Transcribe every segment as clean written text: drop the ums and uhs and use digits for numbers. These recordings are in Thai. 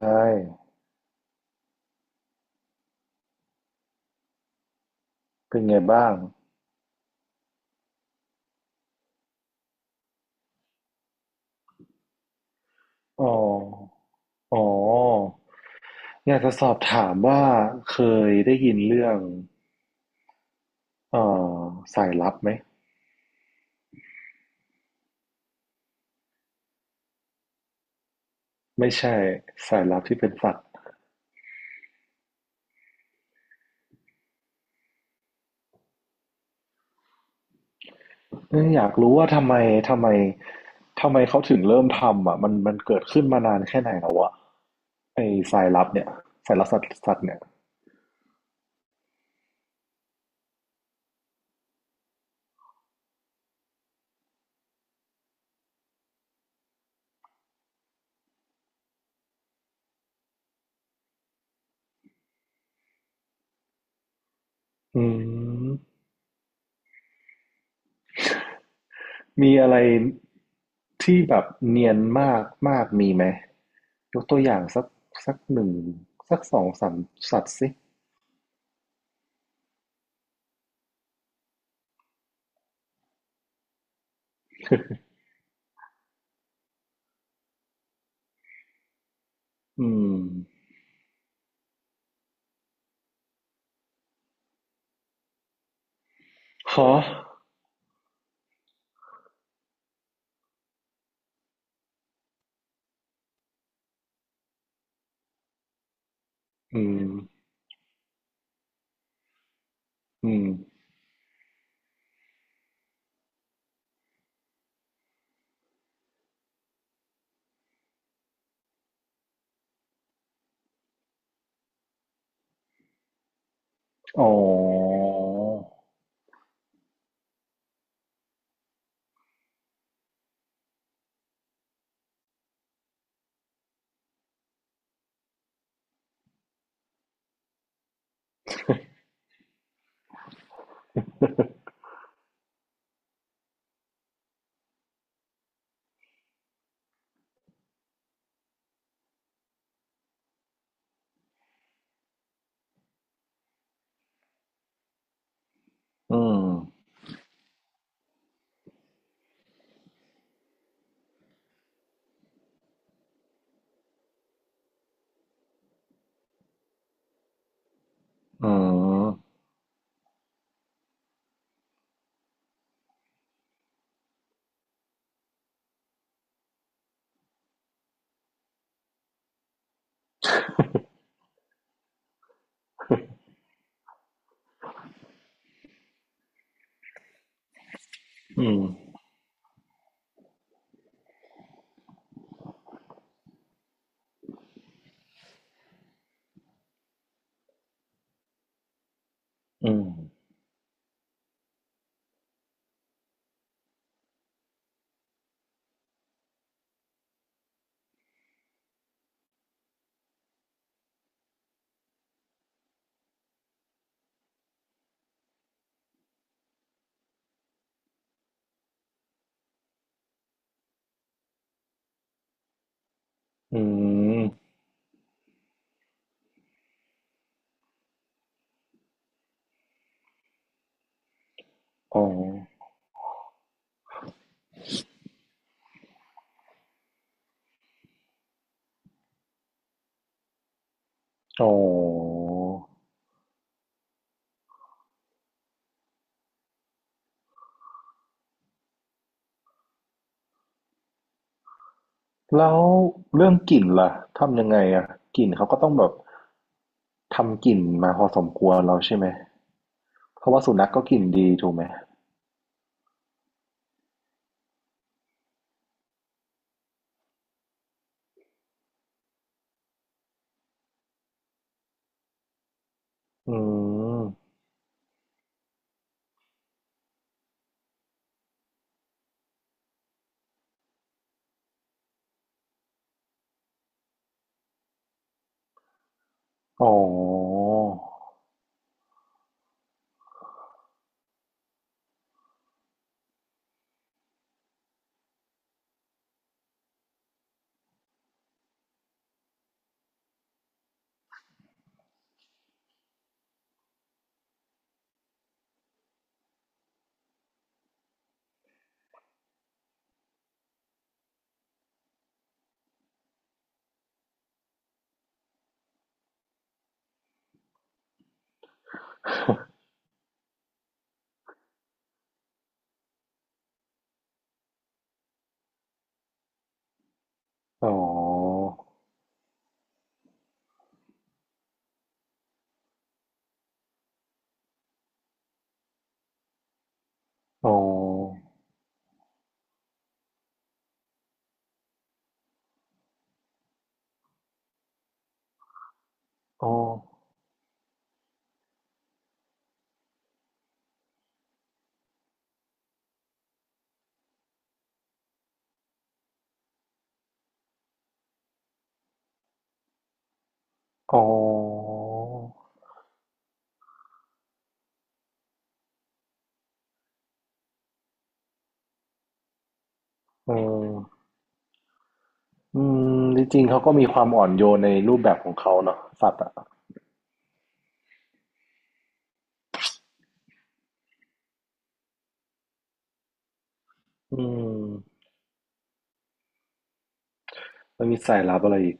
ใช่เป็นไงบ้างอ๋ออ๋ออยากจะสอบถามว่าเคยได้ยินเรื่องเอ่อสายลับไหมไม่ใช่สายลับที่เป็นสัตว์เอ้ยอยากรู้ว่าทำไมทำไมเขาถึงเริ่มทำอ่ะมันมันเกิดขึ้นมานานแค่ไหนแล้วอ่ะไอ้สายลับเนี่ยสายลับสัตว์เนี่ยอืม มีอะไรที่แบบเนียนมากมากมีไหมยกตัวอย่างสักสักหนึ่งสักสองสามสัตว์สิ อืมฮะอืมอืมอ๋ออืมอืมอืมอืมอืมอ๋ออ๋อแล้วเรื่องกลิ่นล่ะทำยังไงอะกลิ่นเขาก็ต้องแบบทำกลิ่นมาพอสมควรแล้วใช่ไหมเพราะว่าสุนัขก็กลิ่นดีถูกไหม อืมอ๋ออ๋ออ๋ออ๋ออ๋อเอออืมจริงๆเขาก็มีความอ่อนโยนในรูปแบบของเขาเนาะสัตว์อ่ะอืมแล้วมีสายลับอะไรอีก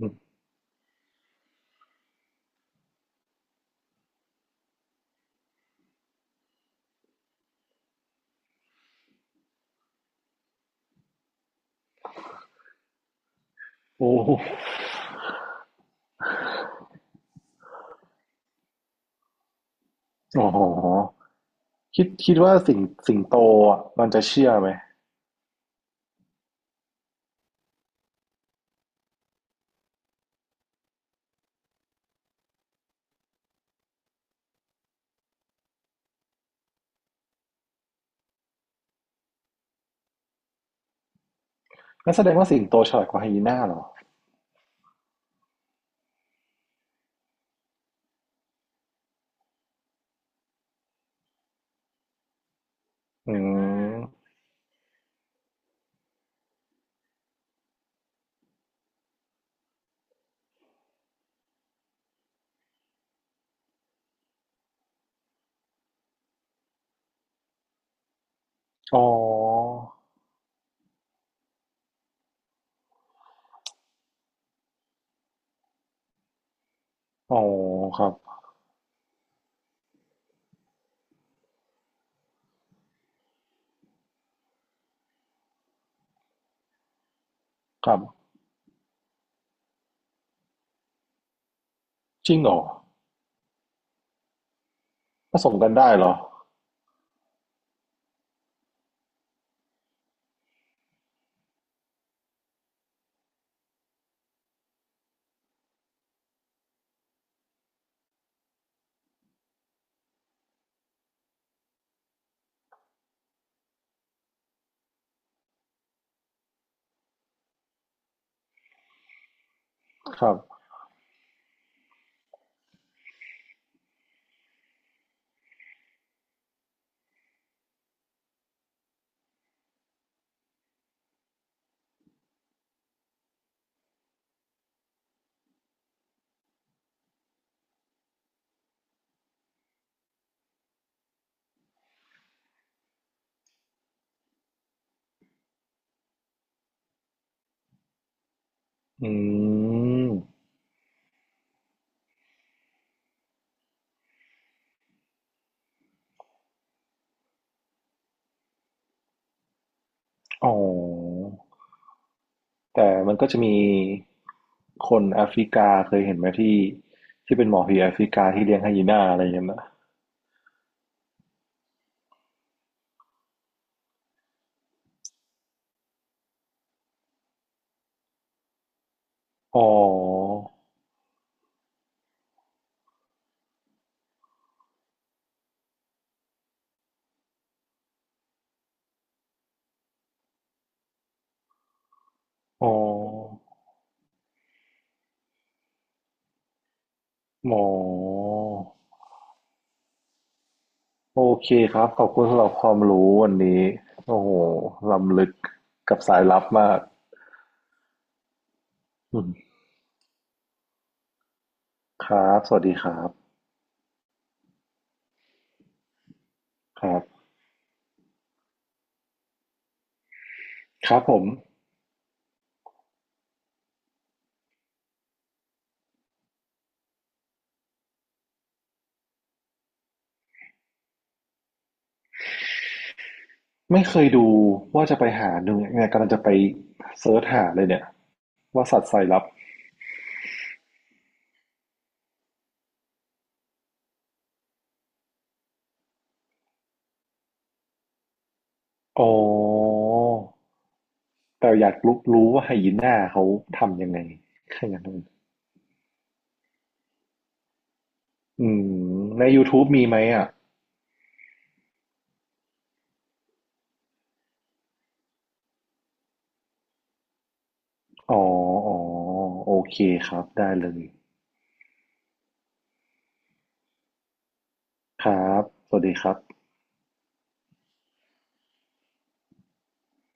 อืมโอ้อ๋อคิดว่าสิงโตอ่ะมันจะเชื่อไหมงั้นแสดงว่าสิงโตฉลาดกว่าไฮยีน่าเหรออืมอ๋ออ๋อครับครับจริงเหรอผสมกันได้เหรอครับ อืมอ๋อแต่มันก็จะมีคนแอฟริกาเคยเห็นไหมที่ที่เป็นหมอผีแอฟริกาที่เลี้ยงไฮยีน่าอะไรอย่างเงี้ยนะอ๋ออ๋อหมอโอเคครับขอบคุณสำหรับความรู้วันนี้โอ้โหล้ำลึกกับสายลับมากอืมครับสวัสดีครับ ครับ ครับผมไม่เคยดูว่าจะไปหาดูเนี่ยกำลังจะไปเซิร์ชหาเลยเนี่ยว่าสัตว์สายลับ อ๋อ แต่อยากรู้ว่าไฮยีน่าเขาทำยังไงแค่นั้นเองอืมใน YouTube มีไหมอ่ะอ๋ออ๋อ โอเคครับ ได้เลย ครับ สวัสดีครับ